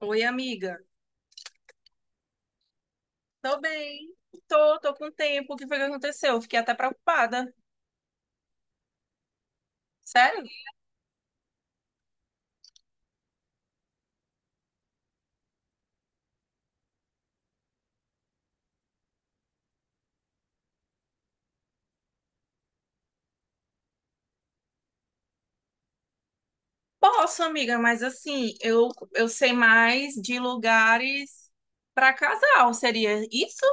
Oi, amiga. Tô bem. Tô com tempo. O que foi que aconteceu? Fiquei até preocupada. Sério? Posso, amiga, mas assim, eu sei mais de lugares pra casal. Seria isso?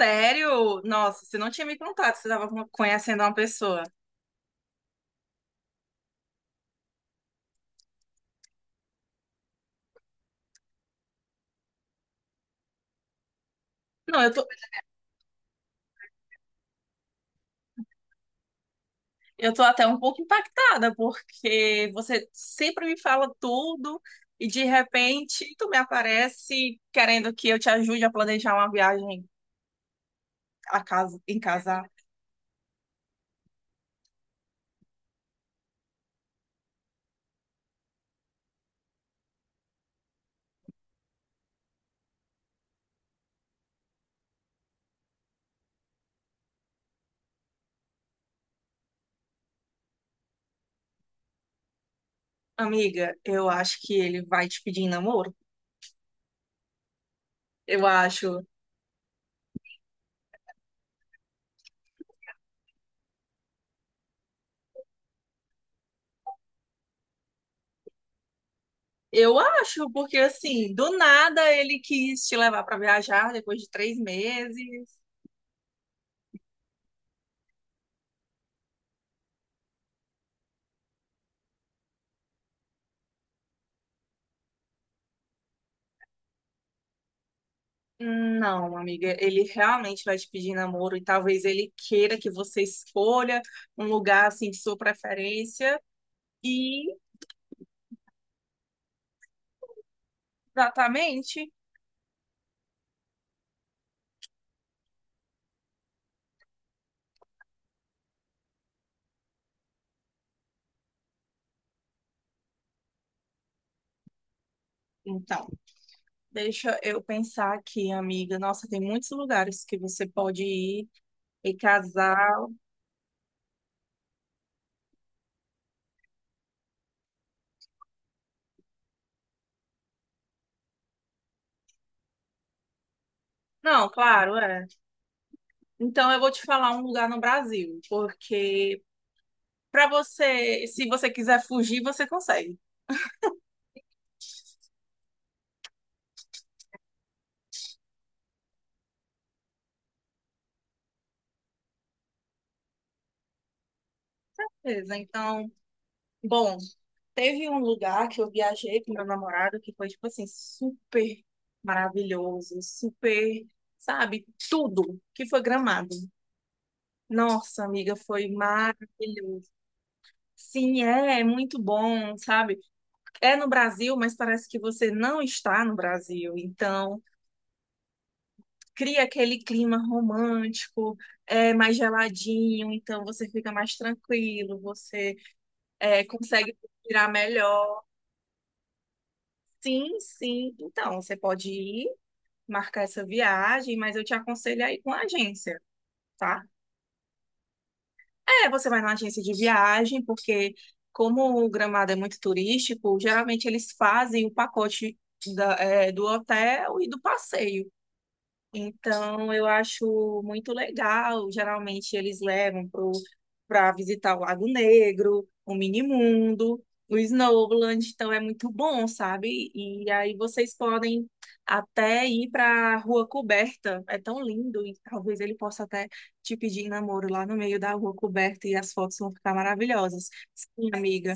Sério? Nossa, você não tinha me contado, você estava conhecendo uma pessoa. Não, eu tô até um pouco impactada, porque você sempre me fala tudo e de repente tu me aparece querendo que eu te ajude a planejar uma viagem a casa, em casal. Amiga, eu acho que ele vai te pedir em namoro. Eu acho. Eu acho, porque assim, do nada ele quis te levar pra viajar depois de 3 meses. Não, amiga, ele realmente vai te pedir em namoro e talvez ele queira que você escolha um lugar assim de sua preferência. E exatamente. Então, deixa eu pensar aqui, amiga. Nossa, tem muitos lugares que você pode ir e casal. Não, claro, é. Então, eu vou te falar um lugar no Brasil, porque para você, se você quiser fugir, você consegue. Beleza, então, bom, teve um lugar que eu viajei com meu namorado que foi, tipo assim, super maravilhoso, super, sabe, tudo, que foi Gramado. Nossa, amiga, foi maravilhoso. Sim, é muito bom, sabe? É no Brasil, mas parece que você não está no Brasil. Então, cria aquele clima romântico, é mais geladinho, então você fica mais tranquilo, você consegue respirar melhor. Sim, sim. Então, você pode ir marcar essa viagem, mas eu te aconselho aí com a agência, tá? É, você vai na agência de viagem, porque como o Gramado é muito turístico, geralmente eles fazem o pacote do hotel e do passeio. Então, eu acho muito legal. Geralmente, eles levam pro para visitar o Lago Negro, o Minimundo, o Snowland. Então, é muito bom, sabe? E aí, vocês podem até ir para a Rua Coberta. É tão lindo. E talvez ele possa até te pedir em namoro lá no meio da Rua Coberta. E as fotos vão ficar maravilhosas. Sim, amiga.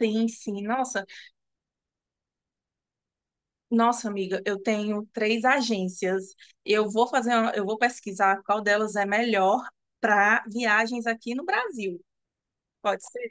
Sim, sim. Nossa. Nossa, amiga, eu tenho três agências. Eu vou pesquisar qual delas é melhor para viagens aqui no Brasil. Pode ser?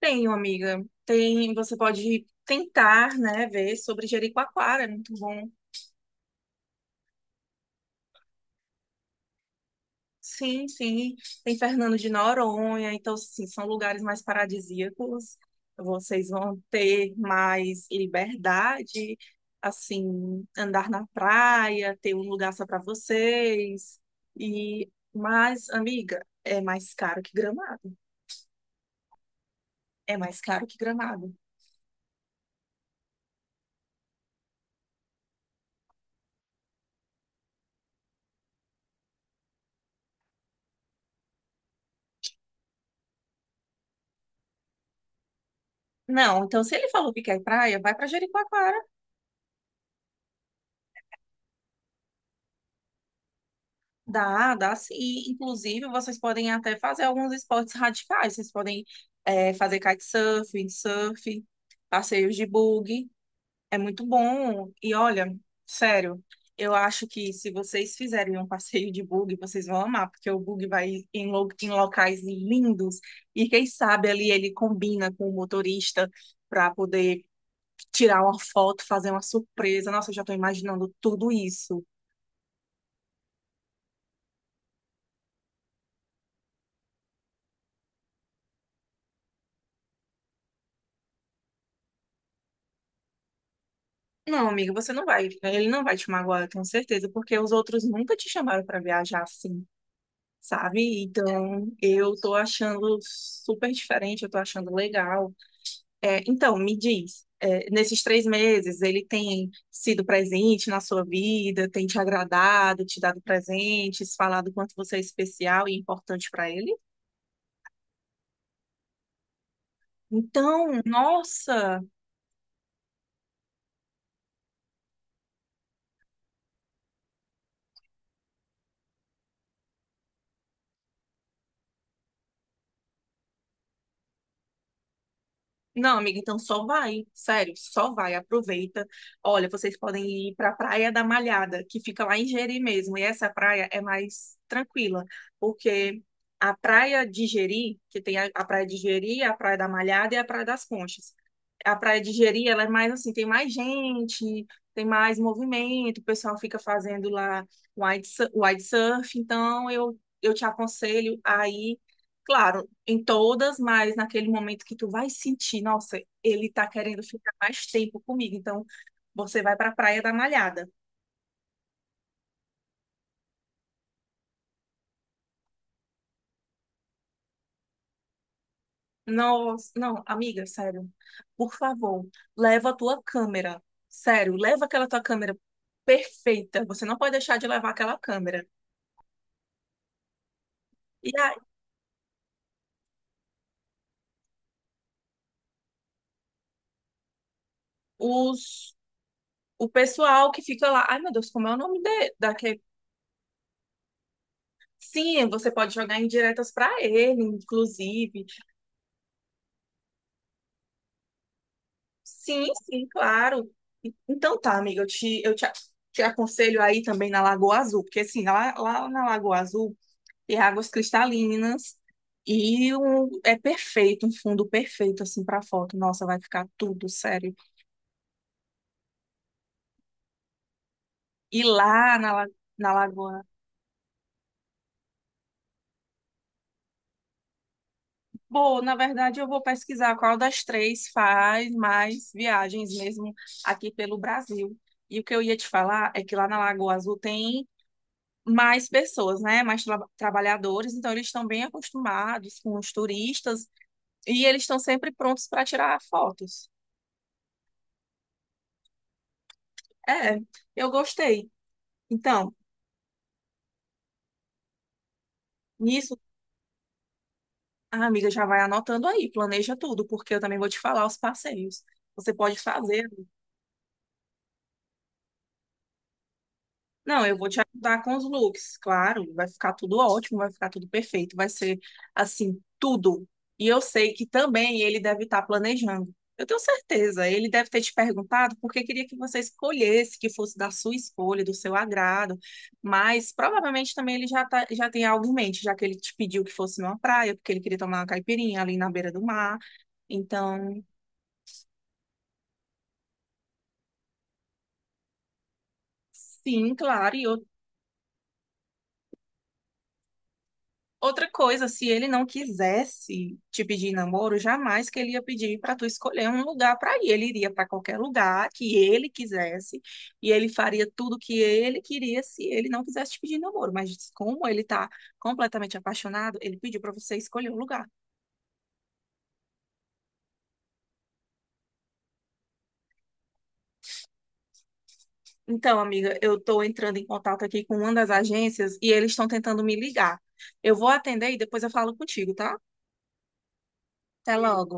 Tenho, amiga. Tem, você pode tentar, né, ver sobre Jericoacoara, é muito bom. Sim, sim. Tem Fernando de Noronha, então, assim, são lugares mais paradisíacos. Vocês vão ter mais liberdade, assim, andar na praia, ter um lugar só para vocês. E, mas, amiga, é mais caro que Gramado. É mais caro que Gramado. Não, então se ele falou que quer praia, vai para Jericoacoara. Dá, dá sim. E, inclusive, vocês podem até fazer alguns esportes radicais. Vocês podem fazer kitesurf, windsurf, passeios de buggy. É muito bom. E olha, sério, eu acho que se vocês fizerem um passeio de buggy, vocês vão amar, porque o buggy vai em locais lindos. E quem sabe ali ele combina com o motorista para poder tirar uma foto, fazer uma surpresa. Nossa, eu já estou imaginando tudo isso. Não, amiga, você não vai. Ele não vai te magoar, eu tenho certeza, porque os outros nunca te chamaram pra viajar assim, sabe? Então, eu tô achando super diferente, eu tô achando legal. É, então, me diz, nesses 3 meses, ele tem sido presente na sua vida, tem te agradado, te dado presentes, falado quanto você é especial e importante pra ele? Então, nossa. Não, amiga, então só vai, sério, só vai, aproveita. Olha, vocês podem ir para a Praia da Malhada, que fica lá em Jeri mesmo, e essa praia é mais tranquila, porque a Praia de Jeri, que tem a Praia de Jeri, a Praia da Malhada e a Praia das Conchas. A Praia de Jeri, ela é mais assim, tem mais gente, tem mais movimento, o pessoal fica fazendo lá wide surf, então eu te aconselho aí. Claro, em todas, mas naquele momento que tu vai sentir, nossa, ele tá querendo ficar mais tempo comigo, então você vai pra Praia da Malhada. Nossa, não, amiga, sério, por favor, leva a tua câmera, sério, leva aquela tua câmera perfeita, você não pode deixar de levar aquela câmera. E aí, os, o pessoal que fica lá, ai meu Deus, como é o nome daquele... Sim, você pode jogar indiretas pra ele, inclusive. Sim, sim, claro. Então tá, amiga, te aconselho aí também na Lagoa Azul, porque assim, lá na Lagoa Azul tem águas cristalinas e um, é perfeito, um fundo perfeito assim para foto. Nossa, vai ficar tudo sério. E lá na Lagoa. Bom, na verdade eu vou pesquisar qual das três faz mais viagens mesmo aqui pelo Brasil. E o que eu ia te falar é que lá na Lagoa Azul tem mais pessoas, né? Mais trabalhadores, então eles estão bem acostumados com os turistas e eles estão sempre prontos para tirar fotos. É, eu gostei. Então, nisso, a amiga já vai anotando aí, planeja tudo, porque eu também vou te falar os passeios. Você pode fazer. Não, eu vou te ajudar com os looks, claro. Vai ficar tudo ótimo, vai ficar tudo perfeito, vai ser assim, tudo. E eu sei que também ele deve estar planejando. Eu tenho certeza, ele deve ter te perguntado porque queria que você escolhesse, que fosse da sua escolha, do seu agrado. Mas provavelmente também ele já tem algo em mente, já que ele te pediu que fosse numa praia, porque ele queria tomar uma caipirinha ali na beira do mar. Então, sim, claro, e eu outra coisa, se ele não quisesse te pedir em namoro, jamais que ele ia pedir para tu escolher um lugar para ir. Ele iria para qualquer lugar que ele quisesse e ele faria tudo que ele queria se ele não quisesse te pedir em namoro. Mas como ele tá completamente apaixonado, ele pediu para você escolher um lugar. Então, amiga, eu tô entrando em contato aqui com uma das agências e eles estão tentando me ligar. Eu vou atender e depois eu falo contigo, tá? Até logo.